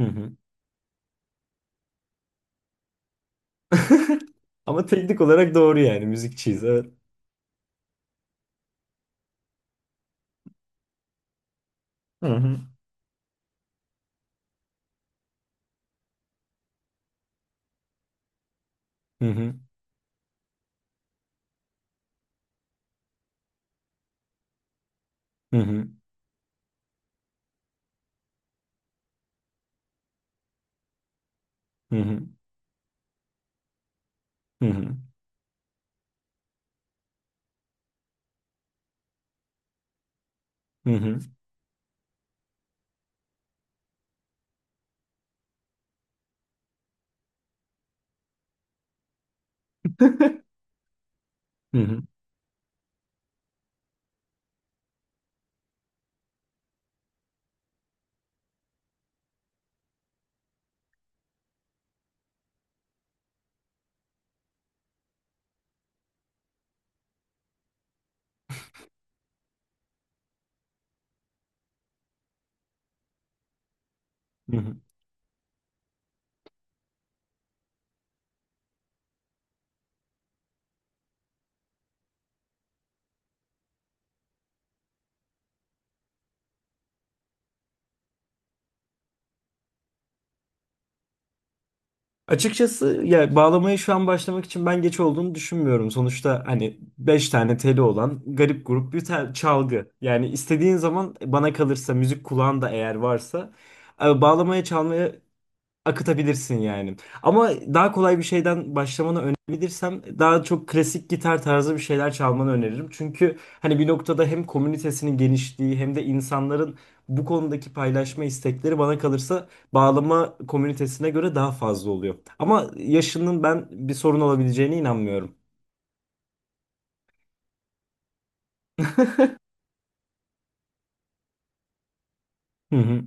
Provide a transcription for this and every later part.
Hı hı. Ama teknik olarak doğru yani müzikçiyiz, evet. Hı hı. Hı hı. Hı hı. Hı hı. Hı hı. Hı hı. Hı hı. Hı hı. Açıkçası ya bağlamaya şu an başlamak için ben geç olduğunu düşünmüyorum. Sonuçta hani 5 tane teli olan garip grup bir çalgı. Yani istediğin zaman bana kalırsa müzik kulağın da eğer varsa bağlamaya çalmaya akıtabilirsin yani. Ama daha kolay bir şeyden başlamanı önerebilirsem daha çok klasik gitar tarzı bir şeyler çalmanı öneririm. Çünkü hani bir noktada hem komünitesinin genişliği hem de insanların bu konudaki paylaşma istekleri bana kalırsa bağlama komünitesine göre daha fazla oluyor. Ama yaşının ben bir sorun olabileceğine inanmıyorum. Hı hı.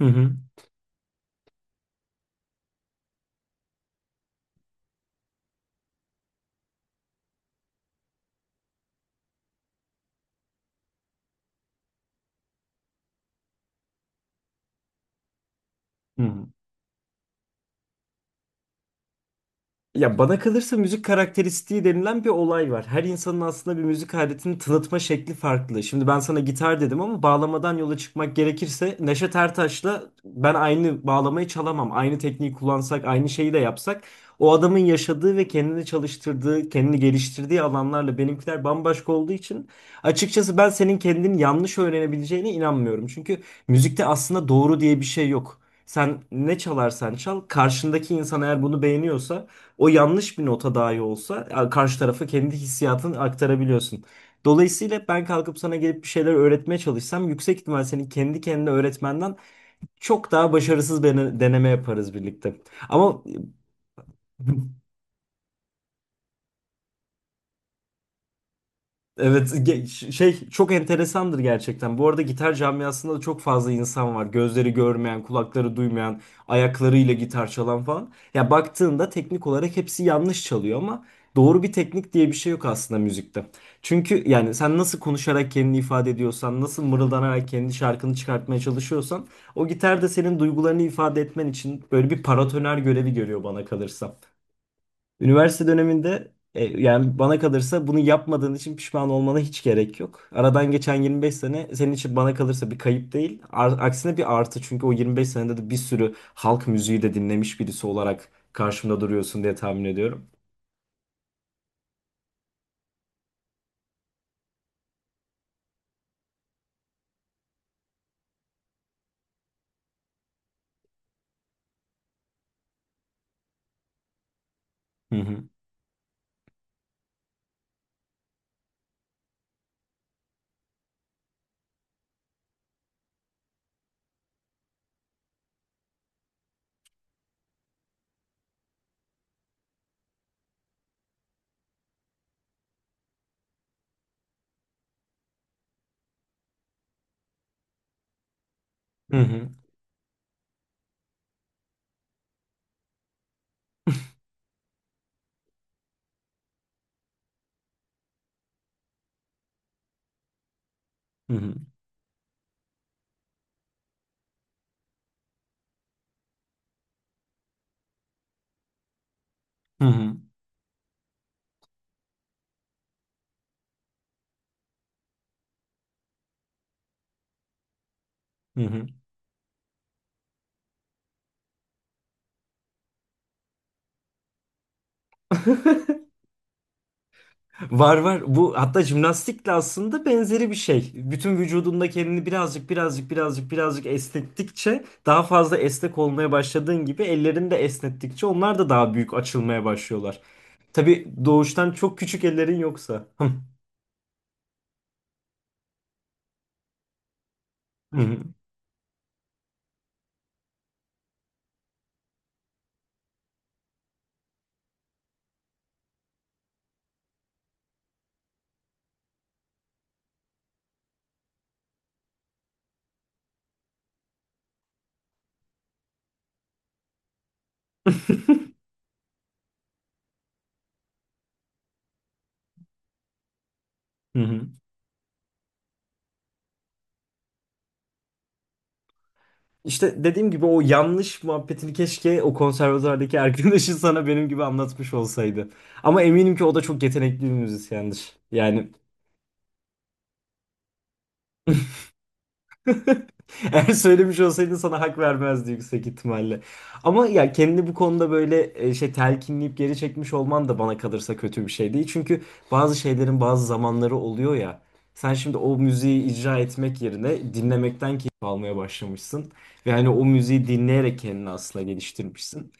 Hı hı. Hı hı. Ya bana kalırsa müzik karakteristiği denilen bir olay var. Her insanın aslında bir müzik aletini tanıtma şekli farklı. Şimdi ben sana gitar dedim ama bağlamadan yola çıkmak gerekirse Neşet Ertaş'la ben aynı bağlamayı çalamam. Aynı tekniği kullansak, aynı şeyi de yapsak, o adamın yaşadığı ve kendini çalıştırdığı, kendini geliştirdiği alanlarla benimkiler bambaşka olduğu için açıkçası ben senin kendini yanlış öğrenebileceğine inanmıyorum. Çünkü müzikte aslında doğru diye bir şey yok. Sen ne çalarsan çal, karşındaki insan eğer bunu beğeniyorsa o yanlış bir nota dahi olsa karşı tarafa kendi hissiyatını aktarabiliyorsun. Dolayısıyla ben kalkıp sana gelip bir şeyler öğretmeye çalışsam yüksek ihtimal senin kendi kendine öğretmenden çok daha başarısız bir deneme yaparız birlikte. Ama evet şey çok enteresandır gerçekten. Bu arada gitar camiasında da çok fazla insan var. Gözleri görmeyen, kulakları duymayan, ayaklarıyla gitar çalan falan. Ya baktığında teknik olarak hepsi yanlış çalıyor ama doğru bir teknik diye bir şey yok aslında müzikte. Çünkü yani sen nasıl konuşarak kendini ifade ediyorsan, nasıl mırıldanarak kendi şarkını çıkartmaya çalışıyorsan, o gitar da senin duygularını ifade etmen için böyle bir paratoner görevi görüyor bana kalırsa. Üniversite döneminde yani bana kalırsa bunu yapmadığın için pişman olmana hiç gerek yok. Aradan geçen 25 sene senin için bana kalırsa bir kayıp değil. Aksine bir artı, çünkü o 25 senede de bir sürü halk müziği de dinlemiş birisi olarak karşımda duruyorsun diye tahmin ediyorum. Hı hı. Hı hı. Hı hı. Hı hı. Hı hı. Var var. Bu hatta jimnastikle aslında benzeri bir şey. Bütün vücudunda kendini birazcık birazcık birazcık birazcık esnettikçe daha fazla esnek olmaya başladığın gibi ellerini de esnettikçe onlar da daha büyük açılmaya başlıyorlar. Tabii doğuştan çok küçük ellerin yoksa. Hı hı, hı hı. İşte dediğim gibi o yanlış muhabbetini keşke o konservatuardaki arkadaşın sana benim gibi anlatmış olsaydı. Ama eminim ki o da çok yetenekli bir müzisyendir. Yani eğer söylemiş olsaydın sana hak vermezdi yüksek ihtimalle. Ama ya kendini bu konuda böyle şey telkinleyip geri çekmiş olman da bana kalırsa kötü bir şey değil. Çünkü bazı şeylerin bazı zamanları oluyor ya. Sen şimdi o müziği icra etmek yerine dinlemekten keyif almaya başlamışsın. Ve hani o müziği dinleyerek kendini aslında geliştirmişsin.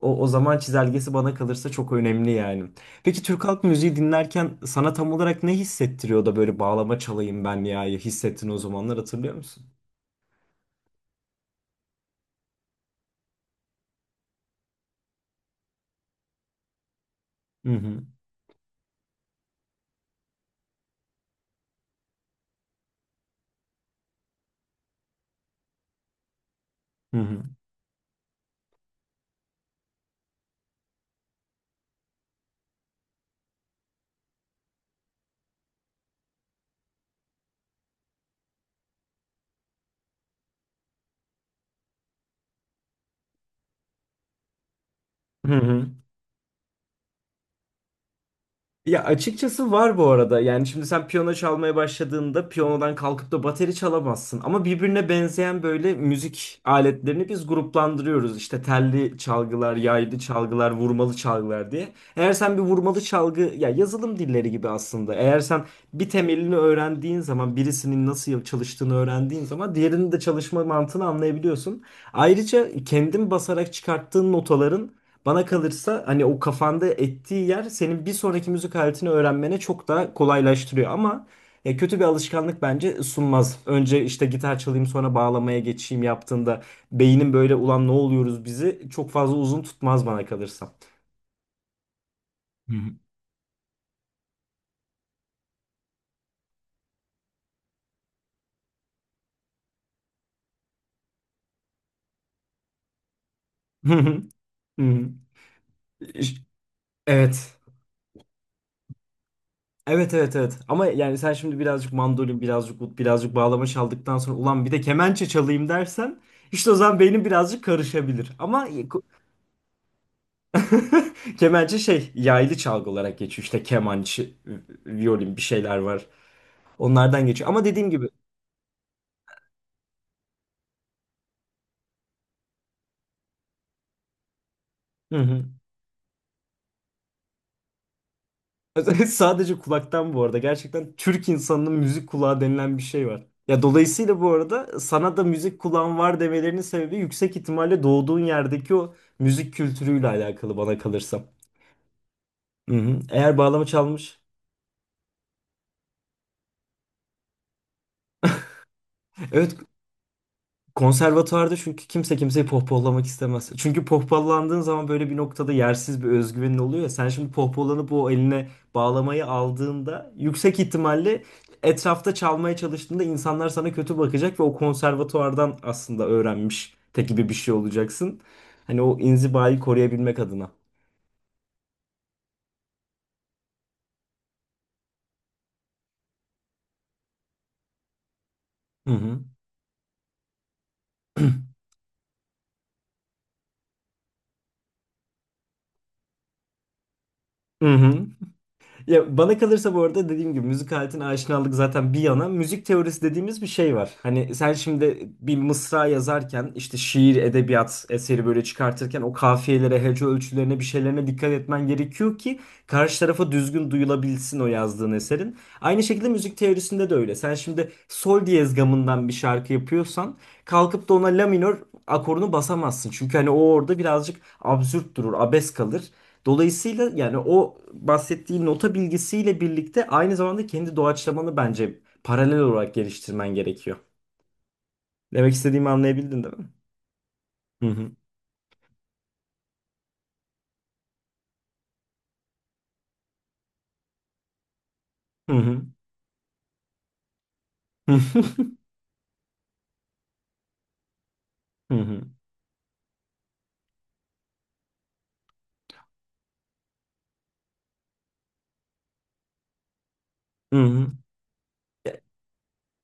O zaman çizelgesi bana kalırsa çok önemli yani. Peki Türk halk müziği dinlerken sana tam olarak ne hissettiriyor da böyle bağlama çalayım ben ya hissettin o zamanlar, hatırlıyor musun? Hı hı. Hı hı. Hı hı. Ya açıkçası var bu arada. Yani şimdi sen piyano çalmaya başladığında piyanodan kalkıp da bateri çalamazsın. Ama birbirine benzeyen böyle müzik aletlerini biz gruplandırıyoruz. İşte telli çalgılar, yaylı çalgılar, vurmalı çalgılar diye. Eğer sen bir vurmalı çalgı ya, yazılım dilleri gibi aslında. Eğer sen bir temelini öğrendiğin zaman, birisinin nasıl çalıştığını öğrendiğin zaman diğerinin de çalışma mantığını anlayabiliyorsun. Ayrıca kendin basarak çıkarttığın notaların bana kalırsa hani o kafanda ettiği yer senin bir sonraki müzik aletini öğrenmene çok daha kolaylaştırıyor ama ya kötü bir alışkanlık bence sunmaz. Önce işte gitar çalayım sonra bağlamaya geçeyim yaptığında beynin böyle ulan ne oluyoruz bizi çok fazla uzun tutmaz bana kalırsa. Hı hı. Hı hı, hı hı. İş- Evet. Evet, evet, evet. Ama yani sen şimdi birazcık mandolin, birazcık ut, birazcık bağlama çaldıktan sonra ulan bir de kemençe çalayım dersen işte o zaman beynin birazcık karışabilir. Ama kemençe şey yaylı çalgı olarak geçiyor. İşte kemançı, violin bir şeyler var. Onlardan geçiyor. Ama dediğim gibi hı hı. Sadece kulaktan bu arada. Gerçekten Türk insanının müzik kulağı denilen bir şey var. Ya dolayısıyla bu arada sana da müzik kulağın var demelerinin sebebi yüksek ihtimalle doğduğun yerdeki o müzik kültürüyle alakalı bana kalırsa. Hı hı. Eğer bağlama çalmış. Evet, konservatuvarda çünkü kimse kimseyi pohpollamak istemez. Çünkü pohpollandığın zaman böyle bir noktada yersiz bir özgüvenin oluyor ya. Sen şimdi pohpollanıp o eline bağlamayı aldığında yüksek ihtimalle etrafta çalmaya çalıştığında insanlar sana kötü bakacak ve o konservatuvardan aslında öğrenmiş te gibi bir şey olacaksın. Hani o inzibayı koruyabilmek adına. Hı hı. Hı hı. Ya bana kalırsa bu arada dediğim gibi müzik aletine aşinalık zaten bir yana, müzik teorisi dediğimiz bir şey var. Hani sen şimdi bir mısra yazarken işte şiir, edebiyat eseri böyle çıkartırken o kafiyelere, hece ölçülerine bir şeylerine dikkat etmen gerekiyor ki karşı tarafa düzgün duyulabilsin o yazdığın eserin. Aynı şekilde müzik teorisinde de öyle. Sen şimdi sol diyez gamından bir şarkı yapıyorsan kalkıp da ona la minör akorunu basamazsın. Çünkü hani o orada birazcık absürt durur, abes kalır. Dolayısıyla yani o bahsettiği nota bilgisiyle birlikte aynı zamanda kendi doğaçlamanı bence paralel olarak geliştirmen gerekiyor. Demek istediğimi anlayabildin değil mi? Hı hı. Hı hı. Hı hı. Hı hı.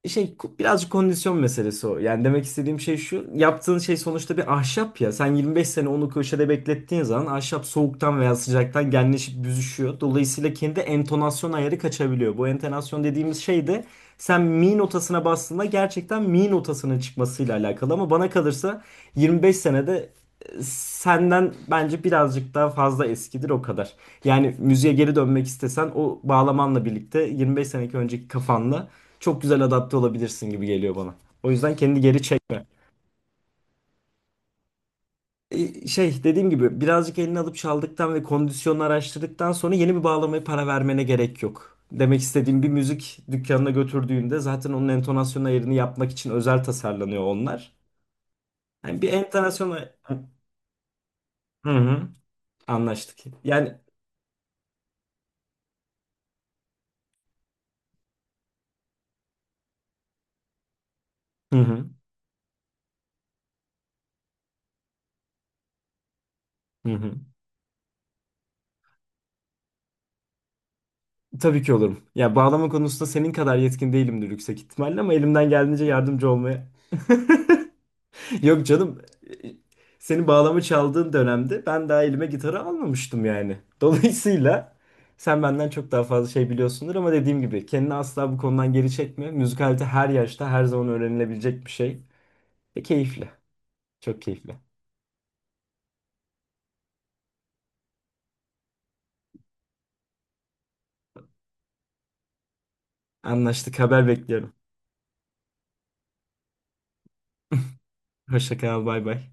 Şey birazcık kondisyon meselesi o. Yani demek istediğim şey şu. Yaptığın şey sonuçta bir ahşap ya. Sen 25 sene onu köşede beklettiğin zaman ahşap soğuktan veya sıcaktan genleşip büzüşüyor. Dolayısıyla kendi entonasyon ayarı kaçabiliyor. Bu entonasyon dediğimiz şey de sen mi notasına bastığında gerçekten mi notasının çıkmasıyla alakalı ama bana kalırsa 25 senede senden bence birazcık daha fazla eskidir o kadar. Yani müziğe geri dönmek istesen o bağlamanla birlikte 25 seneki önceki kafanla çok güzel adapte olabilirsin gibi geliyor bana. O yüzden kendi geri çekme. Şey dediğim gibi birazcık elini alıp çaldıktan ve kondisyonunu araştırdıktan sonra yeni bir bağlamaya para vermene gerek yok. Demek istediğim, bir müzik dükkanına götürdüğünde zaten onun entonasyon ayarını yapmak için özel tasarlanıyor onlar. Yani bir hı hı. Anlaştık. Yani hı hı. Hı hı. Tabii ki olurum. Ya bağlama konusunda senin kadar yetkin değilimdir yüksek ihtimalle ama elimden geldiğince yardımcı olmaya. Yok canım. Senin bağlama çaldığın dönemde ben daha elime gitarı almamıştım yani. Dolayısıyla sen benden çok daha fazla şey biliyorsundur ama dediğim gibi kendini asla bu konudan geri çekme. Müzikalite her yaşta her zaman öğrenilebilecek bir şey. Ve keyifli. Çok keyifli. Anlaştık. Haber bekliyorum. Hoşça kal. Bay bay.